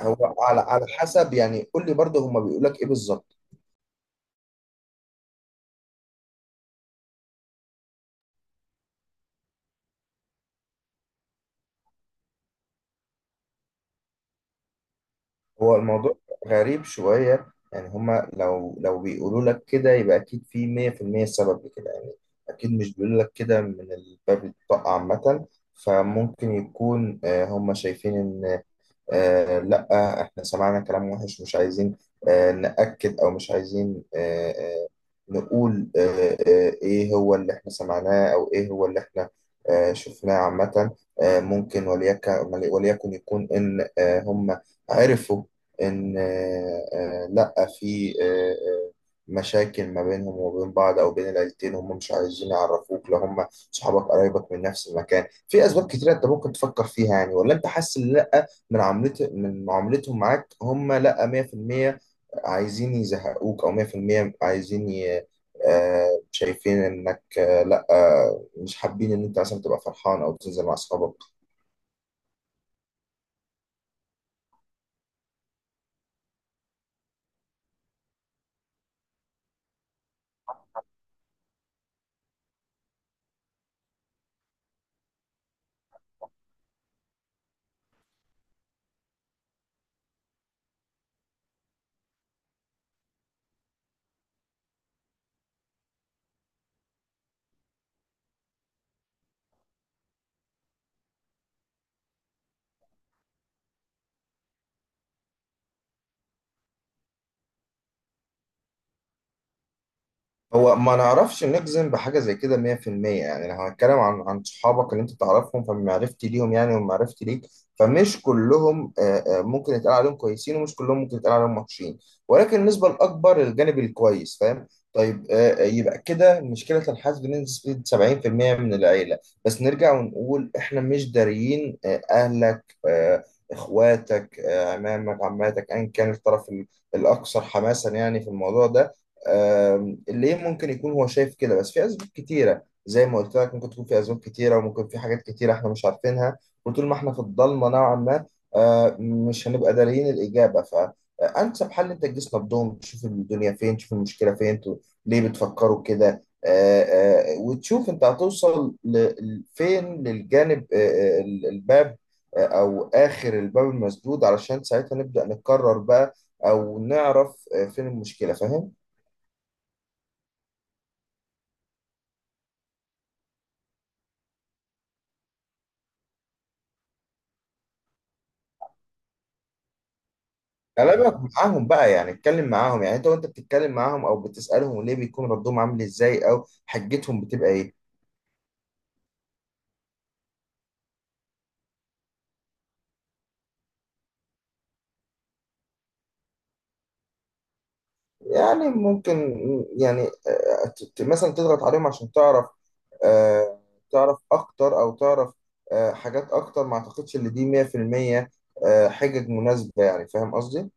هو على حسب يعني قول لي برضه هما بيقول لك ايه بالظبط. هو الموضوع غريب شوية. يعني هما لو بيقولوا لك كده يبقى اكيد في 100% سبب لكده يعني. اكيد مش بيقولوا لك كده من الباب الطاقة عامة. فممكن يكون هما شايفين ان لا، احنا سمعنا كلام وحش مش عايزين نأكد او مش عايزين نقول ايه هو اللي احنا سمعناه او ايه هو اللي احنا شفناه عامة. ممكن وليكن يكون ان هم عرفوا ان لا، في مشاكل ما بينهم وبين بعض او بين العيلتين، هم مش عايزين يعرفوك لو هم صحابك قرايبك من نفس المكان. في اسباب كتيرة انت ممكن تفكر فيها يعني، ولا انت حاسس ان لا، من معاملتهم معاك هم لا 100% عايزين يزهقوك، او 100% عايزين شايفين انك آه، لا آه، مش حابين ان انت مثلا تبقى فرحان او تنزل مع اصحابك. هو ما نعرفش نجزم بحاجة زي كده 100%. يعني لو هنتكلم عن صحابك اللي انت تعرفهم فمعرفتي ليهم يعني ومعرفتي ليك، فمش كلهم ممكن يتقال عليهم كويسين، ومش كلهم ممكن يتقال عليهم وحشين، ولكن النسبة الأكبر للجانب الكويس، فاهم؟ طيب يبقى كده مشكلة الحاسد بنسبة 70% من العيلة. بس نرجع ونقول احنا مش داريين أهلك، إخواتك، عمامك، عماتك، أيا كان الطرف الأكثر حماسا يعني في الموضوع ده ليه. ممكن يكون هو شايف كده، بس في اسباب كتيره زي ما قلت لك، ممكن تكون في اسباب كتيره وممكن في حاجات كتيره احنا مش عارفينها. وطول ما احنا في الضلمه نوعا ما، مش هنبقى داريين الاجابه. فانسب حل انت تجلس نبضهم، تشوف الدنيا فين، تشوف المشكله فين، انتوا ليه بتفكروا كده. وتشوف انت هتوصل فين للجانب الباب، او اخر الباب المسدود، علشان ساعتها نبدا نقرر بقى او نعرف فين المشكله، فاهم؟ كلامك معاهم بقى يعني، اتكلم معاهم يعني، انت وانت بتتكلم معاهم او بتسألهم ليه، بيكون ردهم عامل ازاي او حجتهم بتبقى ايه؟ يعني ممكن يعني مثلا تضغط عليهم عشان تعرف، آه، تعرف اكتر او تعرف حاجات اكتر. ما اعتقدش ان دي 100% حجج مناسبة، يعني فاهم قصدي؟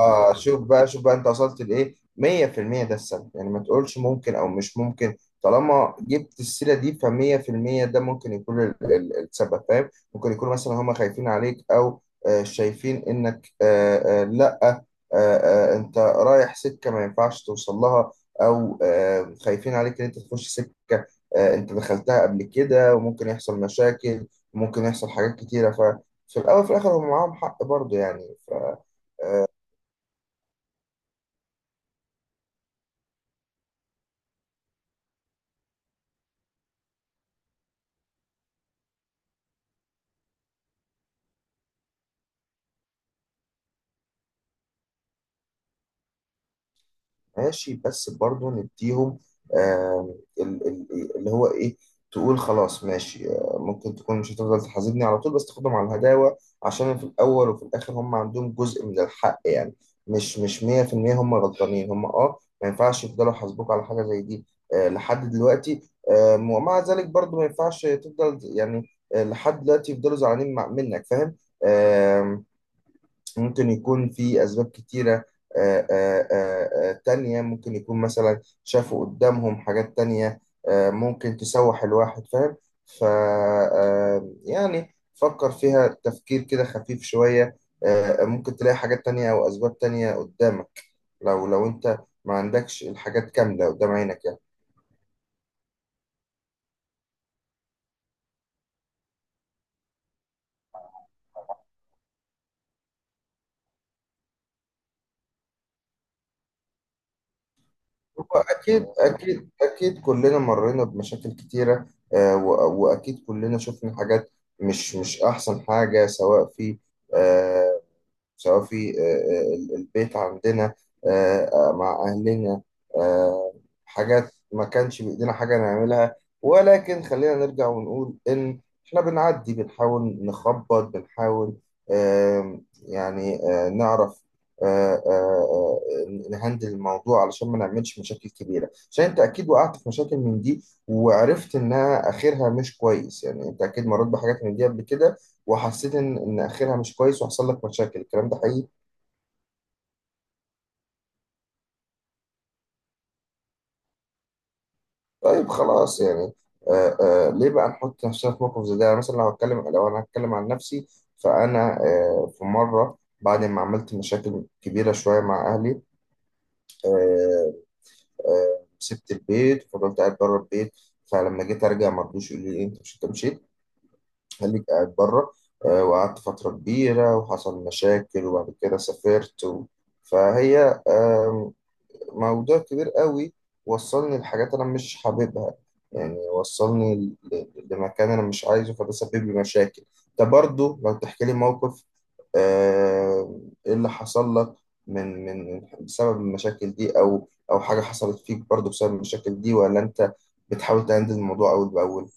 اه شوف بقى، شوف بقى، انت وصلت لايه؟ 100% ده السبب يعني، ما تقولش ممكن او مش ممكن. طالما جبت السيره دي ف 100% ده ممكن يكون السبب، فاهم؟ ممكن يكون مثلا هم خايفين عليك، او شايفين انك آه آه لا آه آه انت رايح سكه ما ينفعش توصل لها، او خايفين عليك ان انت تخش سكه انت دخلتها قبل كده وممكن يحصل مشاكل، وممكن يحصل حاجات كتيره. ففي الاول وفي الاخر هم معاهم حق برضه يعني. ماشي، بس برضو نديهم آم، اللي هو ايه، تقول خلاص ماشي، ممكن تكون مش هتفضل تحاسبني على طول، بس تاخدهم على الهداوة عشان في الأول وفي الآخر هم عندهم جزء من الحق يعني. مش مش 100% هم غلطانين. هم اه ما ينفعش يفضلوا يحاسبوك على حاجة زي دي لحد دلوقتي. ومع ذلك برضو ما ينفعش تفضل يعني لحد دلوقتي يفضلوا زعلانين منك، فاهم؟ ممكن يكون في أسباب كتيرة تانية. ممكن يكون مثلا شافوا قدامهم حاجات تانية ممكن تسوح الواحد، فاهم؟ ف يعني فكر فيها تفكير كده خفيف شوية. ممكن تلاقي حاجات تانية أو أسباب تانية قدامك، لو أنت ما عندكش الحاجات كاملة قدام عينك يعني. هو أكيد، أكيد أكيد كلنا مرينا بمشاكل كتيرة، وأكيد كلنا شفنا حاجات مش مش أحسن حاجة، سواء في آه، سواء في البيت عندنا، مع أهلنا، آه، حاجات ما كانش بإيدينا حاجة نعملها. ولكن خلينا نرجع ونقول إن إحنا بنعدي، بنحاول نخبط، بنحاول يعني نعرف نهندل الموضوع علشان ما نعملش مشاكل كبيرة. عشان أنت أكيد وقعت في مشاكل من دي وعرفت إنها آخرها مش كويس، يعني أنت أكيد مريت بحاجات من دي قبل كده وحسيت ان اخرها مش كويس وحصل لك مشاكل، الكلام ده حقيقي. طيب خلاص يعني ليه بقى نحط نفسنا في موقف زي ده؟ يعني مثلا لو هتكلم، لو انا هتكلم عن نفسي، فانا في مره بعد ما عملت مشاكل كبيره شويه مع اهلي، آه سبت البيت وفضلت قاعد بره البيت. فلما جيت ارجع ما رضوش، يقولوا لي إيه، انت مش، انت مشيت خليك قاعد بره. وقعدت فتره كبيره وحصل مشاكل، وبعد كده سافرت فهي موضوع كبير قوي وصلني لحاجات انا مش حاببها، يعني وصلني لمكان انا مش عايزه، فده سبب لي مشاكل. ده برضو لو تحكي لي موقف آه، ايه اللي حصل لك من بسبب المشاكل دي، او او حاجة حصلت فيك برضو بسبب المشاكل دي، ولا انت بتحاول تهندل الموضوع اول باول.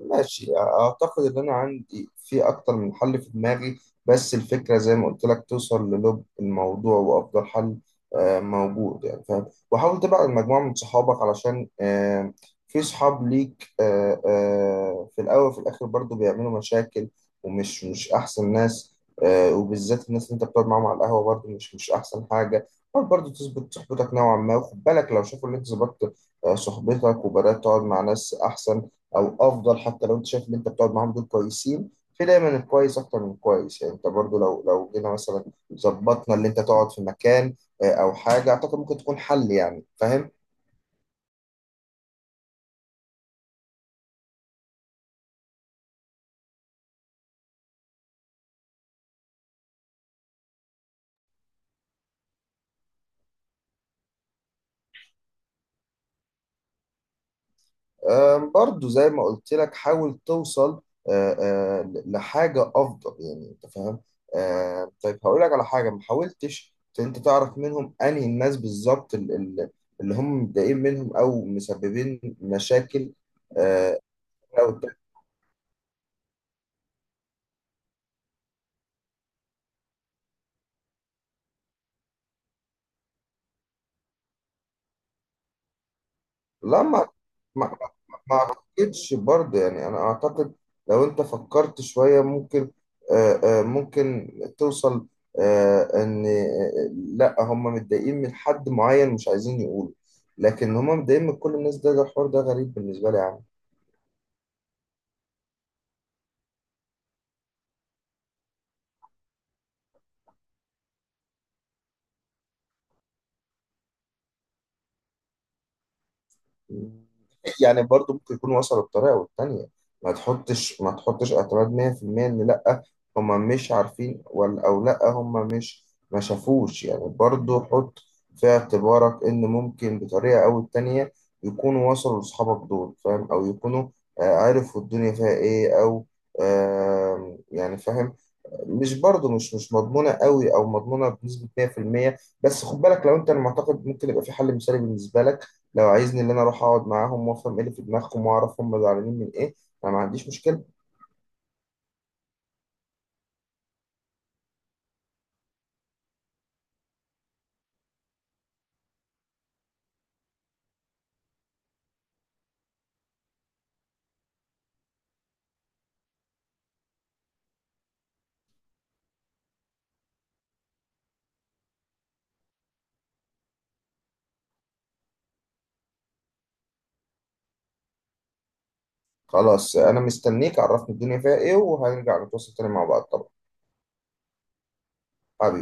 ماشي، اعتقد ان انا عندي في اكتر من حل في دماغي، بس الفكره زي ما قلت لك توصل للب الموضوع وافضل حل موجود، يعني فاهم. وحاول تبعد مجموعه من صحابك علشان في صحاب ليك في الاول وفي الاخر برضو بيعملوا مشاكل ومش مش احسن ناس. وبالذات الناس اللي انت بتقعد معاهم على القهوه برضو مش مش احسن حاجه. حاول برضو تظبط صحبتك نوعا ما، وخد بالك لو شافوا ان انت ظبطت صحبتك وبدات تقعد مع ناس احسن او افضل، حتى لو انت شايف ان انت بتقعد معاهم دول كويسين، في دايما الكويس اكتر من الكويس يعني. انت برضو لو جينا مثلا ظبطنا اللي انت تقعد في مكان او حاجه، اعتقد ممكن تكون حل، يعني فاهم. برضو زي ما قلت لك حاول توصل آه، لحاجه افضل، يعني انت فاهم. طيب هقول لك على حاجه، ما حاولتش انت تعرف منهم انهي الناس بالظبط اللي هم متضايقين منهم او مسببين مشاكل؟ آه، لو ت- لا ما ما اعتقدش برضه يعني، انا اعتقد لو انت فكرت شوية ممكن ممكن توصل ان لا هم متضايقين من حد معين مش عايزين يقولوا، لكن هم متضايقين من كل الناس؟ ده الحوار ده غريب بالنسبة لي يا عم. يعني برضو ممكن يكون وصلوا بطريقة والتانية. ما تحطش اعتراض 100% ان لا هما مش عارفين ولا، او لا هما مش ما شافوش. يعني برضو حط في اعتبارك ان ممكن بطريقة او التانية يكونوا وصلوا لاصحابك دول، فاهم؟ او يكونوا عرفوا الدنيا فيها ايه، او يعني فاهم. مش برضو مش مش مضمونة قوي او مضمونة بنسبة 100%، بس خد بالك. لو انت المعتقد ممكن يبقى في حل مثالي بالنسبة لك، لو عايزني ان انا اروح اقعد معاهم وافهم ايه اللي في دماغهم واعرف هم زعلانين من ايه، انا ما عنديش مشكله. خلاص انا مستنيك، عرفني الدنيا فيها ايه وهنرجع نتواصل تاني مع بعض طبعا. حبيبي.